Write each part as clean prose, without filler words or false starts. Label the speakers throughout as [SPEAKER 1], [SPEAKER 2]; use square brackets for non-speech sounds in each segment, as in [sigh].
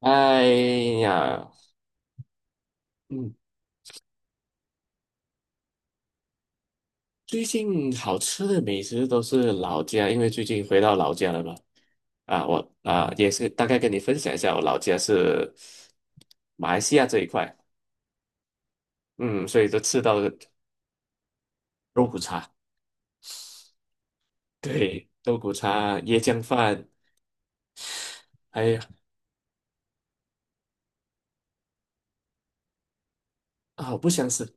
[SPEAKER 1] 哎呀，嗯，最近好吃的美食都是老家，因为最近回到老家了嘛。啊，我啊也是大概跟你分享一下，我老家是马来西亚这一块，嗯，所以就吃到了肉骨茶，对，肉骨茶、椰浆饭，还有啊，不相似，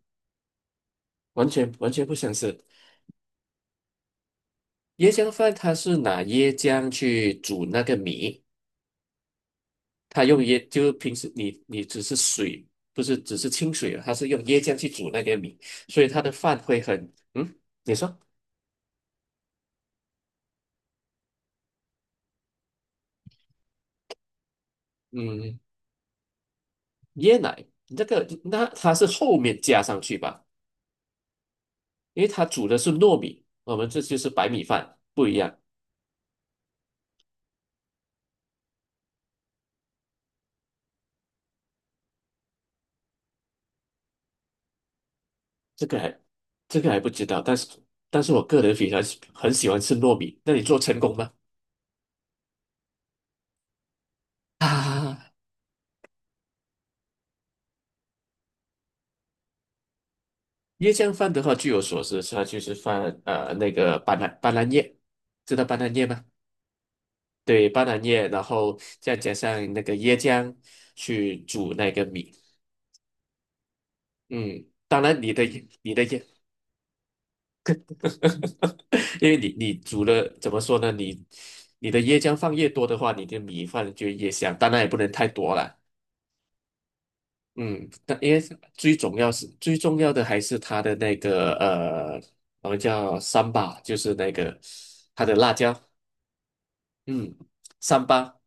[SPEAKER 1] 完全完全不相似。椰浆饭它是拿椰浆去煮那个米，它用椰，就是平时你只是水，不是只是清水它是用椰浆去煮那个米，所以它的饭会很，嗯，你说，嗯，椰奶这个那它是后面加上去吧，因为它煮的是糯米，我们这就是白米饭不一样，这个还这个还不知道，但是我个人非常喜很喜欢吃糯米，那你做成功吗？[laughs] 啊，椰浆饭的话，据我所知，它就是放那个斑斓叶，知道斑斓叶吗？对，斑斓叶，然后再加上那个椰浆去煮那个米。嗯，当然你的椰，[laughs] 因为你煮了怎么说呢？你的椰浆放越多的话，你的米饭就越香。当然也不能太多了。嗯，但因为最重要的还是它的那个我们叫三巴，就是那个它的辣椒。嗯，三巴。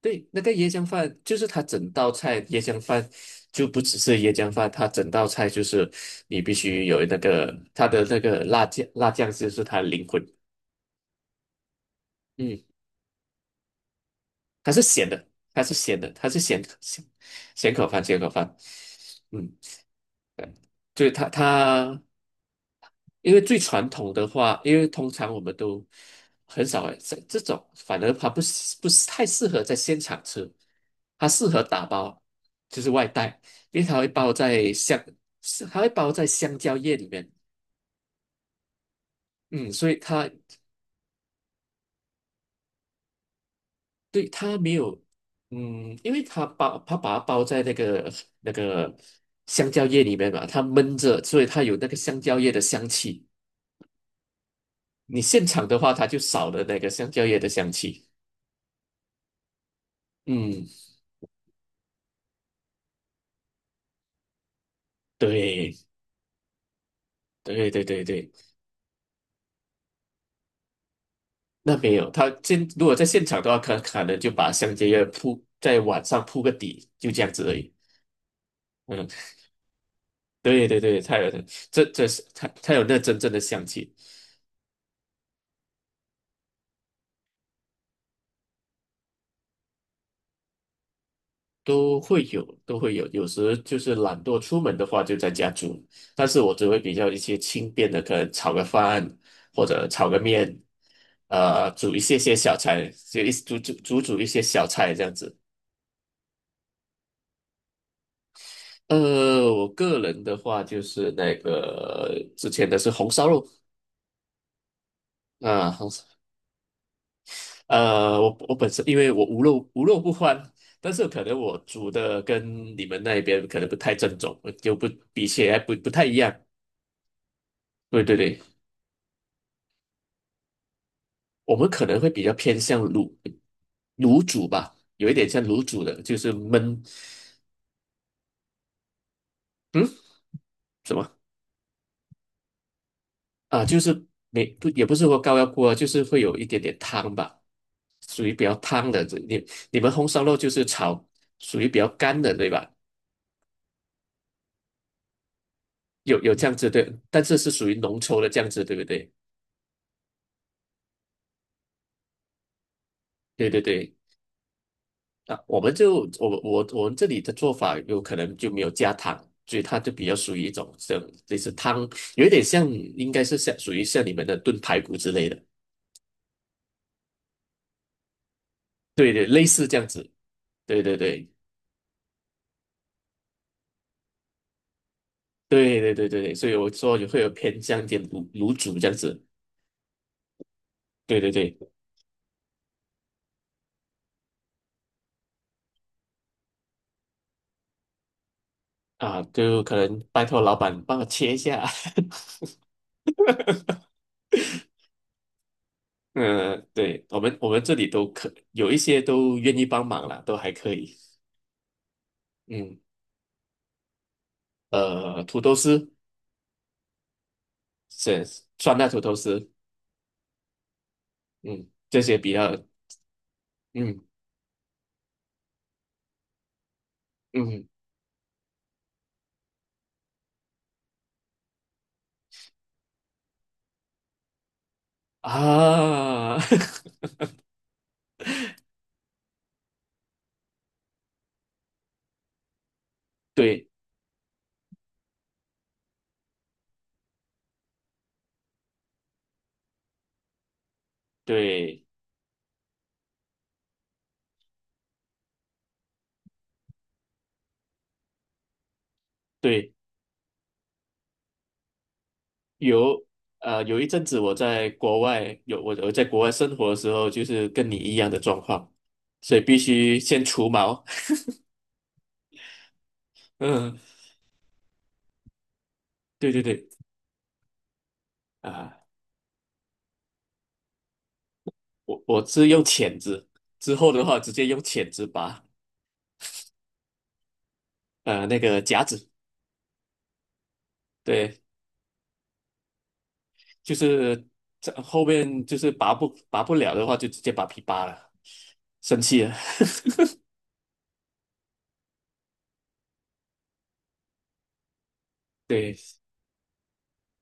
[SPEAKER 1] 对，那个椰浆饭就是它整道菜，椰浆饭就不只是椰浆饭，它整道菜就是你必须有那个它的那个辣酱，辣酱就是它的灵魂。嗯，它是咸的，它是咸的，它是咸咸咸口饭，咸口饭。嗯，对他，因为最传统的话，因为通常我们都很少在这种，反而它不是太适合在现场吃，它适合打包，就是外带，因为它会包在香，是它会包在香蕉叶里面，嗯，所以它对它没有，嗯，因为它把它包在那个香蕉叶里面嘛，它闷着，所以它有那个香蕉叶的香气。你现场的话，它就少了那个香蕉叶的香气。嗯，对，对对对对，那没有，如果在现场的话，可能就把香蕉叶铺在晚上铺个底，就这样子而已。嗯，对对对，它有这是它有那真正的香气。都会有，都会有。有时就是懒惰出门的话，就在家煮。但是我只会比较一些轻便的，可能炒个饭或者炒个面，煮一些些小菜，就一煮煮煮煮一些小菜这样子。我个人的话就是那个之前的是红烧肉啊，红烧。我本身因为我无肉不欢，但是可能我煮的跟你们那边可能不太正宗，就不比起来不太一样。对对对。我们可能会比较偏向卤煮吧，有一点像卤煮的，就是焖，嗯，什么啊？就是没不也不是说高压锅啊就是会有一点点汤吧，属于比较汤的。你们红烧肉就是炒，属于比较干的，对吧？有酱汁对，但是是属于浓稠的酱汁，对不对？对对对，啊，我们就我我我们这里的做法有可能就没有加糖，所以它就比较属于一种类似汤，有一点像应该是像属于像你们的炖排骨之类的，对对，类似这样子，对对对对对对对对，所以我说也会有偏向一点卤煮这样子，对对对啊，就可能拜托老板帮我切一下，[laughs] 嗯，对我们这里都可有一些都愿意帮忙啦，都还可以，嗯，土豆丝。是酸辣土豆丝，嗯，这些比较，嗯嗯啊，[laughs] 对对对，有有一阵子我在国外有我在国外生活的时候，就是跟你一样的状况，所以必须先除毛，[laughs] 嗯，对对对啊，我是用钳子，之后的话直接用钳子拔，那个夹子，对，就是这后面就是拔不了的话，就直接把皮扒了。生气了。[laughs] 对，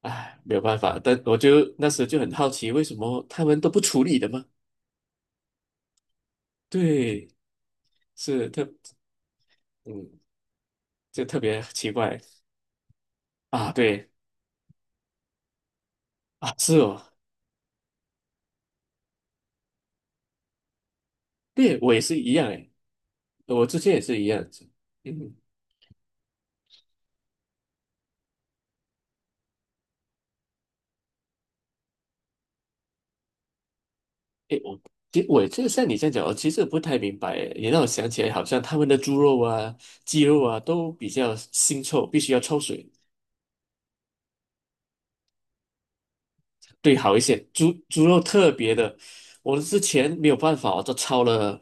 [SPEAKER 1] 唉，没有办法，但我就那时就很好奇，为什么他们都不处理的吗？对，是特，嗯，就特别奇怪啊。对啊，是哦，对，我也是一样诶，我之前也是一样子。嗯，诶，我其实我就像你这样讲，我其实不太明白诶，也让我想起来，好像他们的猪肉啊、鸡肉啊都比较腥臭，必须要焯水。对，好一些，猪肉特别的，我之前没有办法，我都焯了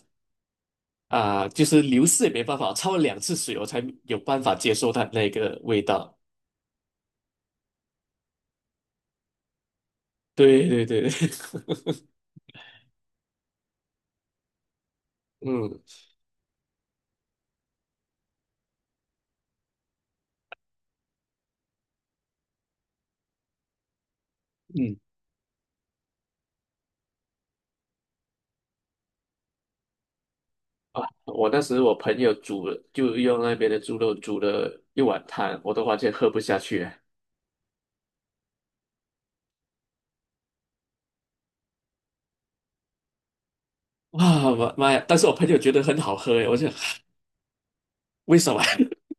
[SPEAKER 1] 啊、就是流失也没办法，焯了2次水，我才有办法接受它那个味道。对对对，[laughs] 嗯嗯我当时我朋友煮了，就用那边的猪肉煮了一碗汤，我都完全喝不下去啊哇妈妈呀！但是我朋友觉得很好喝诶，我就 [sighs] 为什么？[laughs]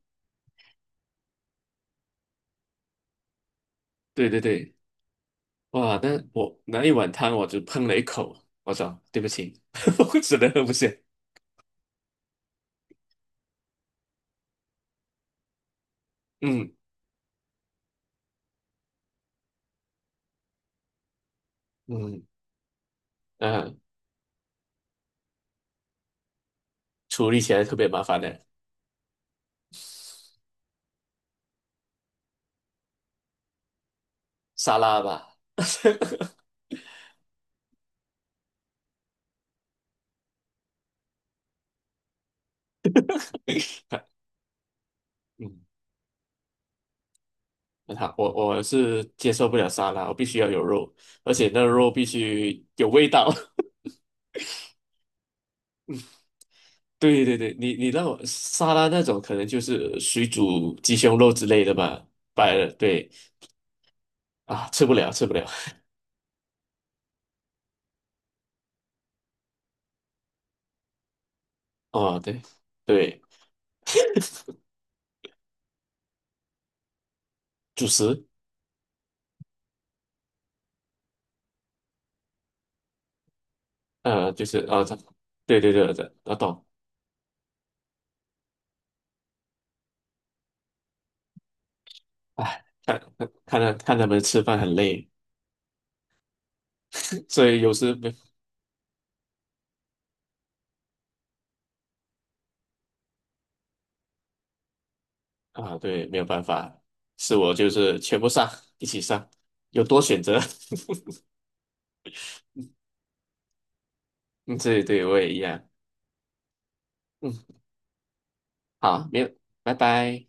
[SPEAKER 1] 对对对，哇，那我那一碗汤我就喷了一口，我说对不起，[laughs] 我真的喝不下。嗯嗯嗯，处理起来特别麻烦的沙拉吧。[laughs] 嗯，很好，我是接受不了沙拉，我必须要有肉，而且那个肉必须有味道。[laughs] 对对对，你那种沙拉那种可能就是水煮鸡胸肉之类的吧，白了对啊，吃不了吃不了。哦，对对，[laughs] 主食就是啊，这对对对对，我懂。哎，看他们吃饭很累，[laughs] 所以有时没。啊，对，没有办法，是我就是全部上，一起上，有多选择。[laughs] 嗯，对对，我也一样。嗯，好，没有，拜拜。